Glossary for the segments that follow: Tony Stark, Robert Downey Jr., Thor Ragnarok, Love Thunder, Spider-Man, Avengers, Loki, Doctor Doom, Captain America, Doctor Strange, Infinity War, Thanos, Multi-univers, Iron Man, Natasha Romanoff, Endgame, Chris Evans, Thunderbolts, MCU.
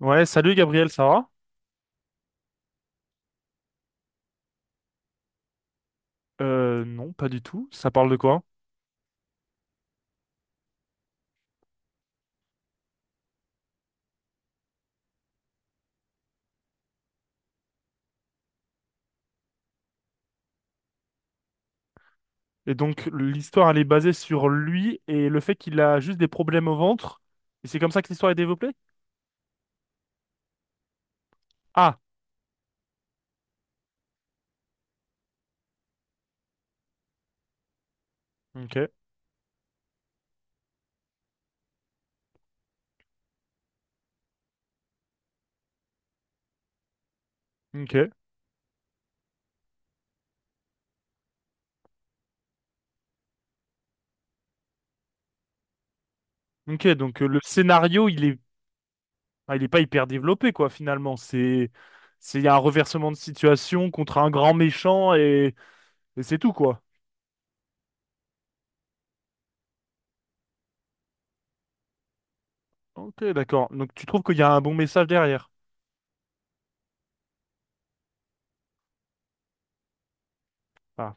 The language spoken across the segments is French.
Ouais, salut Gabriel, ça va? Non, pas du tout. Ça parle de quoi? Et donc, l'histoire, elle est basée sur lui et le fait qu'il a juste des problèmes au ventre. Et c'est comme ça que l'histoire est développée? Ah, ok, ok, ok. Donc, le scénario, il est pas hyper développé, quoi, finalement. Il y a un reversement de situation contre un grand méchant et c'est tout, quoi. Ok, d'accord. Donc, tu trouves qu'il y a un bon message derrière? Ah.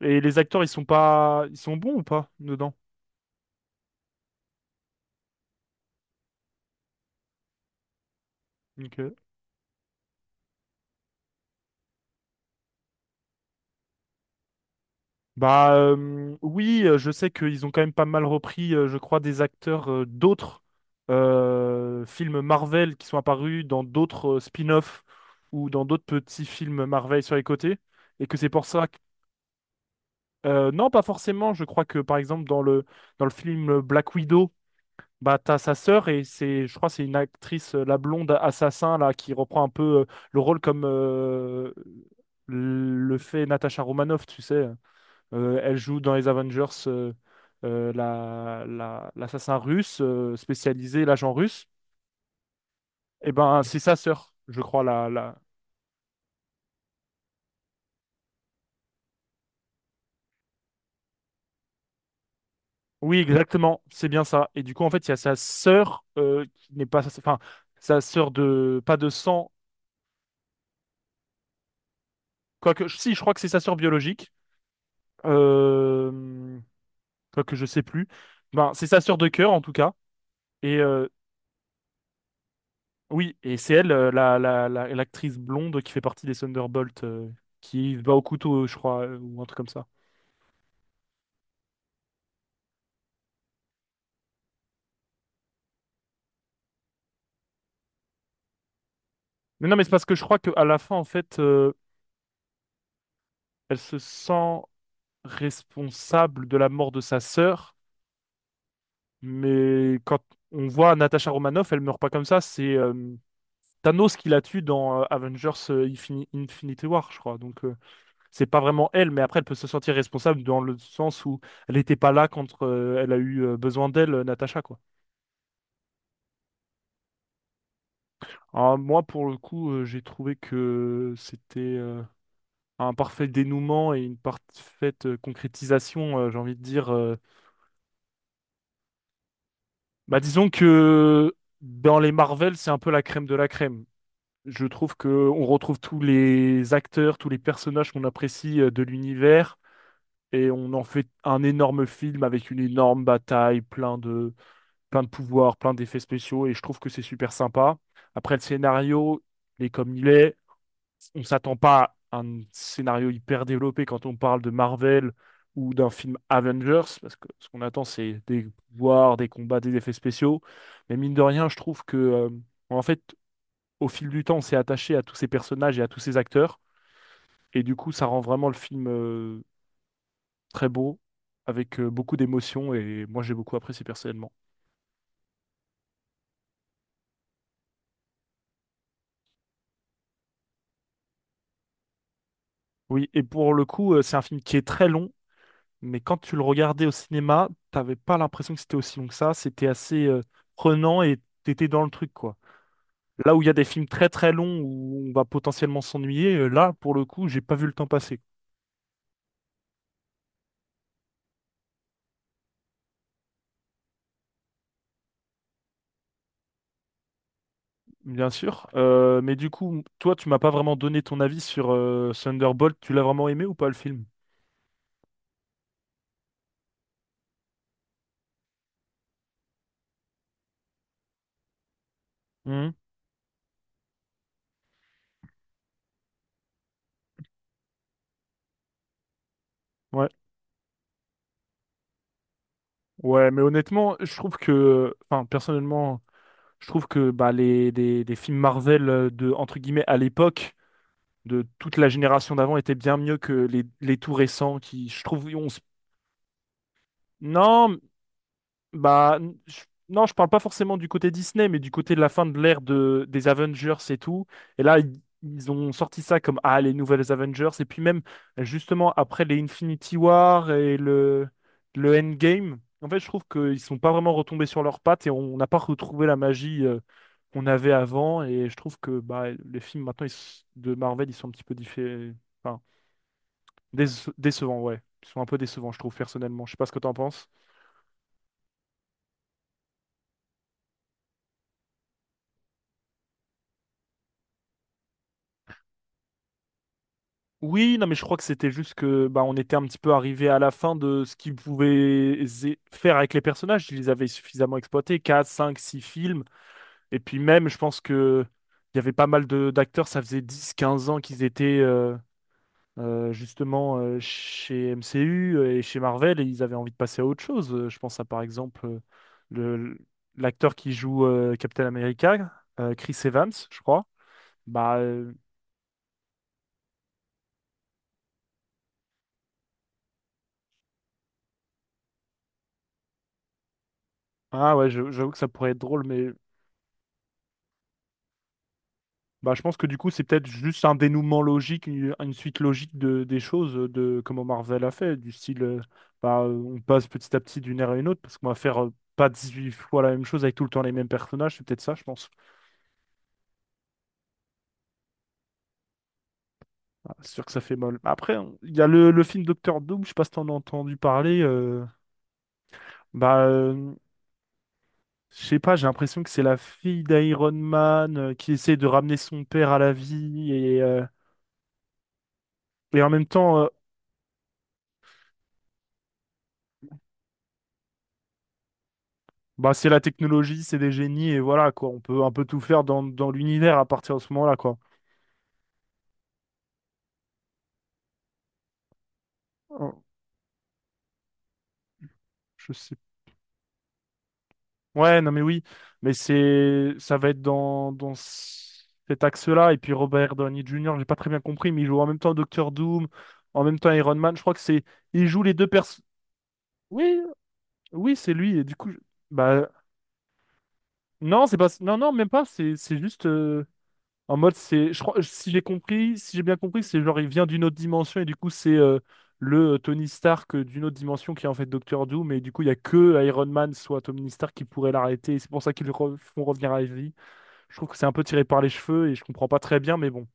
Et les acteurs, ils sont bons ou pas dedans? Ok. Bah oui, je sais qu'ils ont quand même pas mal repris, je crois, des acteurs d'autres films Marvel qui sont apparus dans d'autres spin-offs ou dans d'autres petits films Marvel sur les côtés. Et que c'est pour ça que... Non, pas forcément. Je crois que, par exemple, dans le film Black Widow, bah, t'as sa sœur et c'est, je crois, c'est une actrice, la blonde assassin, là, qui reprend un peu le rôle comme le fait Natasha Romanoff, tu sais. Elle joue dans les Avengers l'assassin russe spécialisé, l'agent russe. Et ben, c'est sa sœur, je crois. Oui, exactement, c'est bien ça. Et du coup, en fait, il y a sa sœur qui n'est pas... Enfin, sa sœur de... Pas de sang, quoique... Si, je crois que c'est sa sœur biologique. Euh... Quoique, je sais plus. Ben, c'est sa sœur de cœur, en tout cas. Et euh, oui, et c'est elle, l'actrice blonde qui fait partie des Thunderbolts, qui va au couteau, je crois, ou un truc comme ça. Mais non, mais c'est parce que je crois qu'à la fin, en fait, elle se sent responsable de la mort de sa sœur. Mais quand on voit Natasha Romanoff, elle meurt pas comme ça. C'est Thanos qui la tue dans Avengers Infinity War, je crois. Donc, c'est pas vraiment elle, mais après, elle peut se sentir responsable dans le sens où elle n'était pas là quand elle a eu besoin d'elle, Natasha, quoi. Alors, moi, pour le coup, j'ai trouvé que c'était un parfait dénouement et une parfaite concrétisation, j'ai envie de dire. Bah, disons que dans les Marvel, c'est un peu la crème de la crème. Je trouve que on retrouve tous les acteurs, tous les personnages qu'on apprécie de l'univers et on en fait un énorme film avec une énorme bataille, plein de pouvoirs, plein d'effets spéciaux et je trouve que c'est super sympa. Après, le scénario, il est comme il est. On s'attend pas à un scénario hyper développé quand on parle de Marvel ou d'un film Avengers, parce que ce qu'on attend, c'est des pouvoirs, des combats, des effets spéciaux. Mais mine de rien, je trouve que, en fait, au fil du temps, on s'est attaché à tous ces personnages et à tous ces acteurs. Et du coup, ça rend vraiment le film, très beau, avec, beaucoup d'émotions. Et moi, j'ai beaucoup apprécié personnellement. Oui, et pour le coup, c'est un film qui est très long. Mais quand tu le regardais au cinéma, t'avais pas l'impression que c'était aussi long que ça. C'était assez prenant et t'étais dans le truc, quoi. Là où il y a des films très très longs où on va potentiellement s'ennuyer, là, pour le coup, j'ai pas vu le temps passer. Bien sûr. Mais du coup, toi, tu m'as pas vraiment donné ton avis sur Thunderbolt. Tu l'as vraiment aimé ou pas le film? Mhm. Ouais. Ouais, mais honnêtement, je trouve que, enfin, personnellement, je trouve que bah, des films Marvel entre guillemets, à l'époque, de toute la génération d'avant était bien mieux que les tout récents qui, je trouve. Non, bah, je, non, je parle pas forcément du côté Disney, mais du côté de la fin de l'ère de, des Avengers et tout. Et là, ils ont sorti ça comme, ah, les nouvelles Avengers. Et puis même, justement, après les Infinity War et le Endgame, en fait, je trouve qu'ils sont pas vraiment retombés sur leurs pattes et on n'a pas retrouvé la magie, qu'on avait avant et je trouve que bah, les films maintenant de Marvel ils sont un petit peu différents. Décevant, ouais. Ils sont un peu décevants, je trouve, personnellement. Je sais pas ce que t'en penses. Oui, non, mais je crois que c'était juste que bah, on était un petit peu arrivé à la fin de ce qu'ils pouvaient faire avec les personnages. Ils les avaient suffisamment exploités, quatre, cinq, 6 films. Et puis même, je pense que il y avait pas mal de d'acteurs. Ça faisait 10 15 ans qu'ils étaient justement chez MCU et chez Marvel. Et ils avaient envie de passer à autre chose. Je pense à par exemple le- l'acteur qui joue Captain America, Chris Evans, je crois. Bah, ah ouais, j'avoue que ça pourrait être drôle, mais bah, je pense que du coup, c'est peut-être juste un dénouement logique, une suite logique des choses, de comment Marvel a fait, du style, bah, on passe petit à petit d'une ère à une autre, parce qu'on va faire pas huit fois la même chose avec tout le temps les mêmes personnages, c'est peut-être ça, je pense. Ah, c'est sûr que ça fait mal. Après, il y a le film Docteur Doom, je sais pas si t'en as entendu parler, bah, je sais pas, j'ai l'impression que c'est la fille d'Iron Man qui essaie de ramener son père à la vie et. Et en même temps, bah, c'est la technologie, c'est des génies, et voilà, quoi. On peut un peu tout faire dans l'univers à partir de ce moment-là, quoi. Oh, je sais. Ouais, non, mais oui. Mais ça va être dans, cet axe-là. Et puis Robert Downey Jr., j'ai pas très bien compris, mais il joue en même temps Doctor Doom, en même temps Iron Man. Je crois que il joue les deux personnes. Oui, oui, c'est lui. Et du coup. Bah, non, c'est pas, non, non, même pas. C'est juste. En mode, c'est, je crois, si j'ai bien compris, c'est genre il vient d'une autre dimension et du coup c'est le Tony Stark d'une autre dimension qui est en fait Doctor Doom mais du coup il y a que Iron Man soit Tony Stark qui pourrait l'arrêter et c'est pour ça qu'ils font revenir à la vie. Je trouve que c'est un peu tiré par les cheveux et je comprends pas très bien mais bon.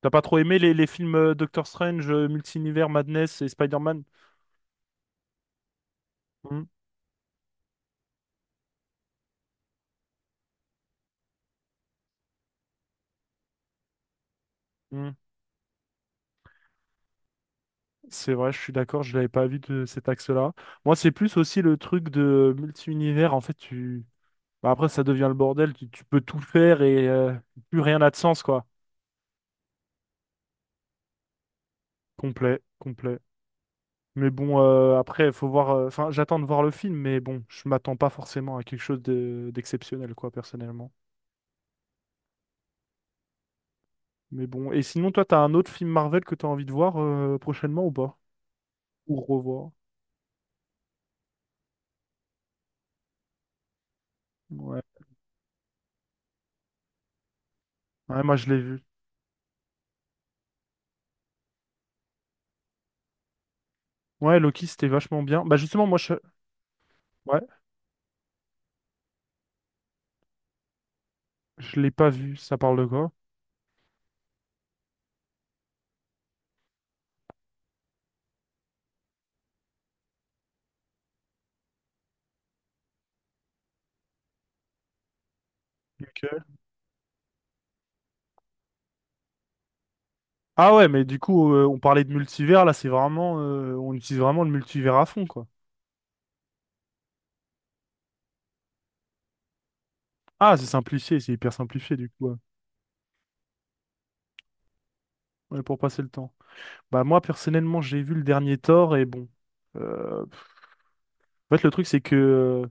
T'as pas trop aimé les films Doctor Strange, Multi-univers, Madness et Spider-Man? Hmm, hmm. C'est vrai, je suis d'accord, je l'avais pas vu de cet axe-là. Moi, c'est plus aussi le truc de multi-univers. En fait. Bah après, ça devient le bordel, tu peux tout faire et plus rien n'a de sens, quoi. Complet, complet. Mais bon, après, faut voir. Enfin, j'attends de voir le film, mais bon, je m'attends pas forcément à quelque chose d'exceptionnel, quoi, personnellement. Mais bon, et sinon, toi, t'as un autre film Marvel que t'as envie de voir prochainement ou pas? Ou revoir? Ouais. Ouais, moi, je l'ai vu. Ouais, Loki, c'était vachement bien. Bah justement. Ouais, je l'ai pas vu. Ça parle de quoi? Ok. Ah ouais, mais du coup, on parlait de multivers, là, c'est vraiment, on utilise vraiment le multivers à fond, quoi. Ah, c'est simplifié, c'est hyper simplifié du coup, ouais. Ouais, pour passer le temps. Bah moi personnellement, j'ai vu le dernier Thor et bon, en fait le truc c'est que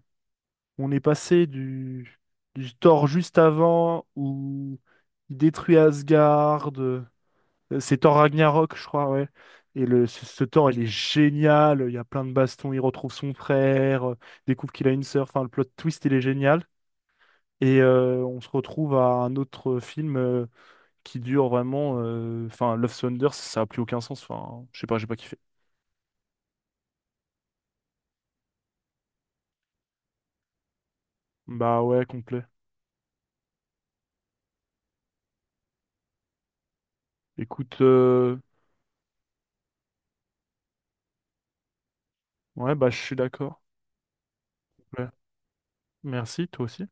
on est passé du Thor juste avant où il détruit Asgard, c'est Thor Ragnarok, je crois, ouais. Et ce Thor, il est génial, il y a plein de bastons, il retrouve son frère, découvre qu'il a une sœur, enfin le plot twist, il est génial. Et on se retrouve à un autre film qui dure vraiment. Enfin, Love Thunder, ça a plus aucun sens. Enfin, je sais pas, j'ai pas kiffé. Bah ouais, complet. Écoute, ouais, bah je suis d'accord. Ouais. Merci, toi aussi.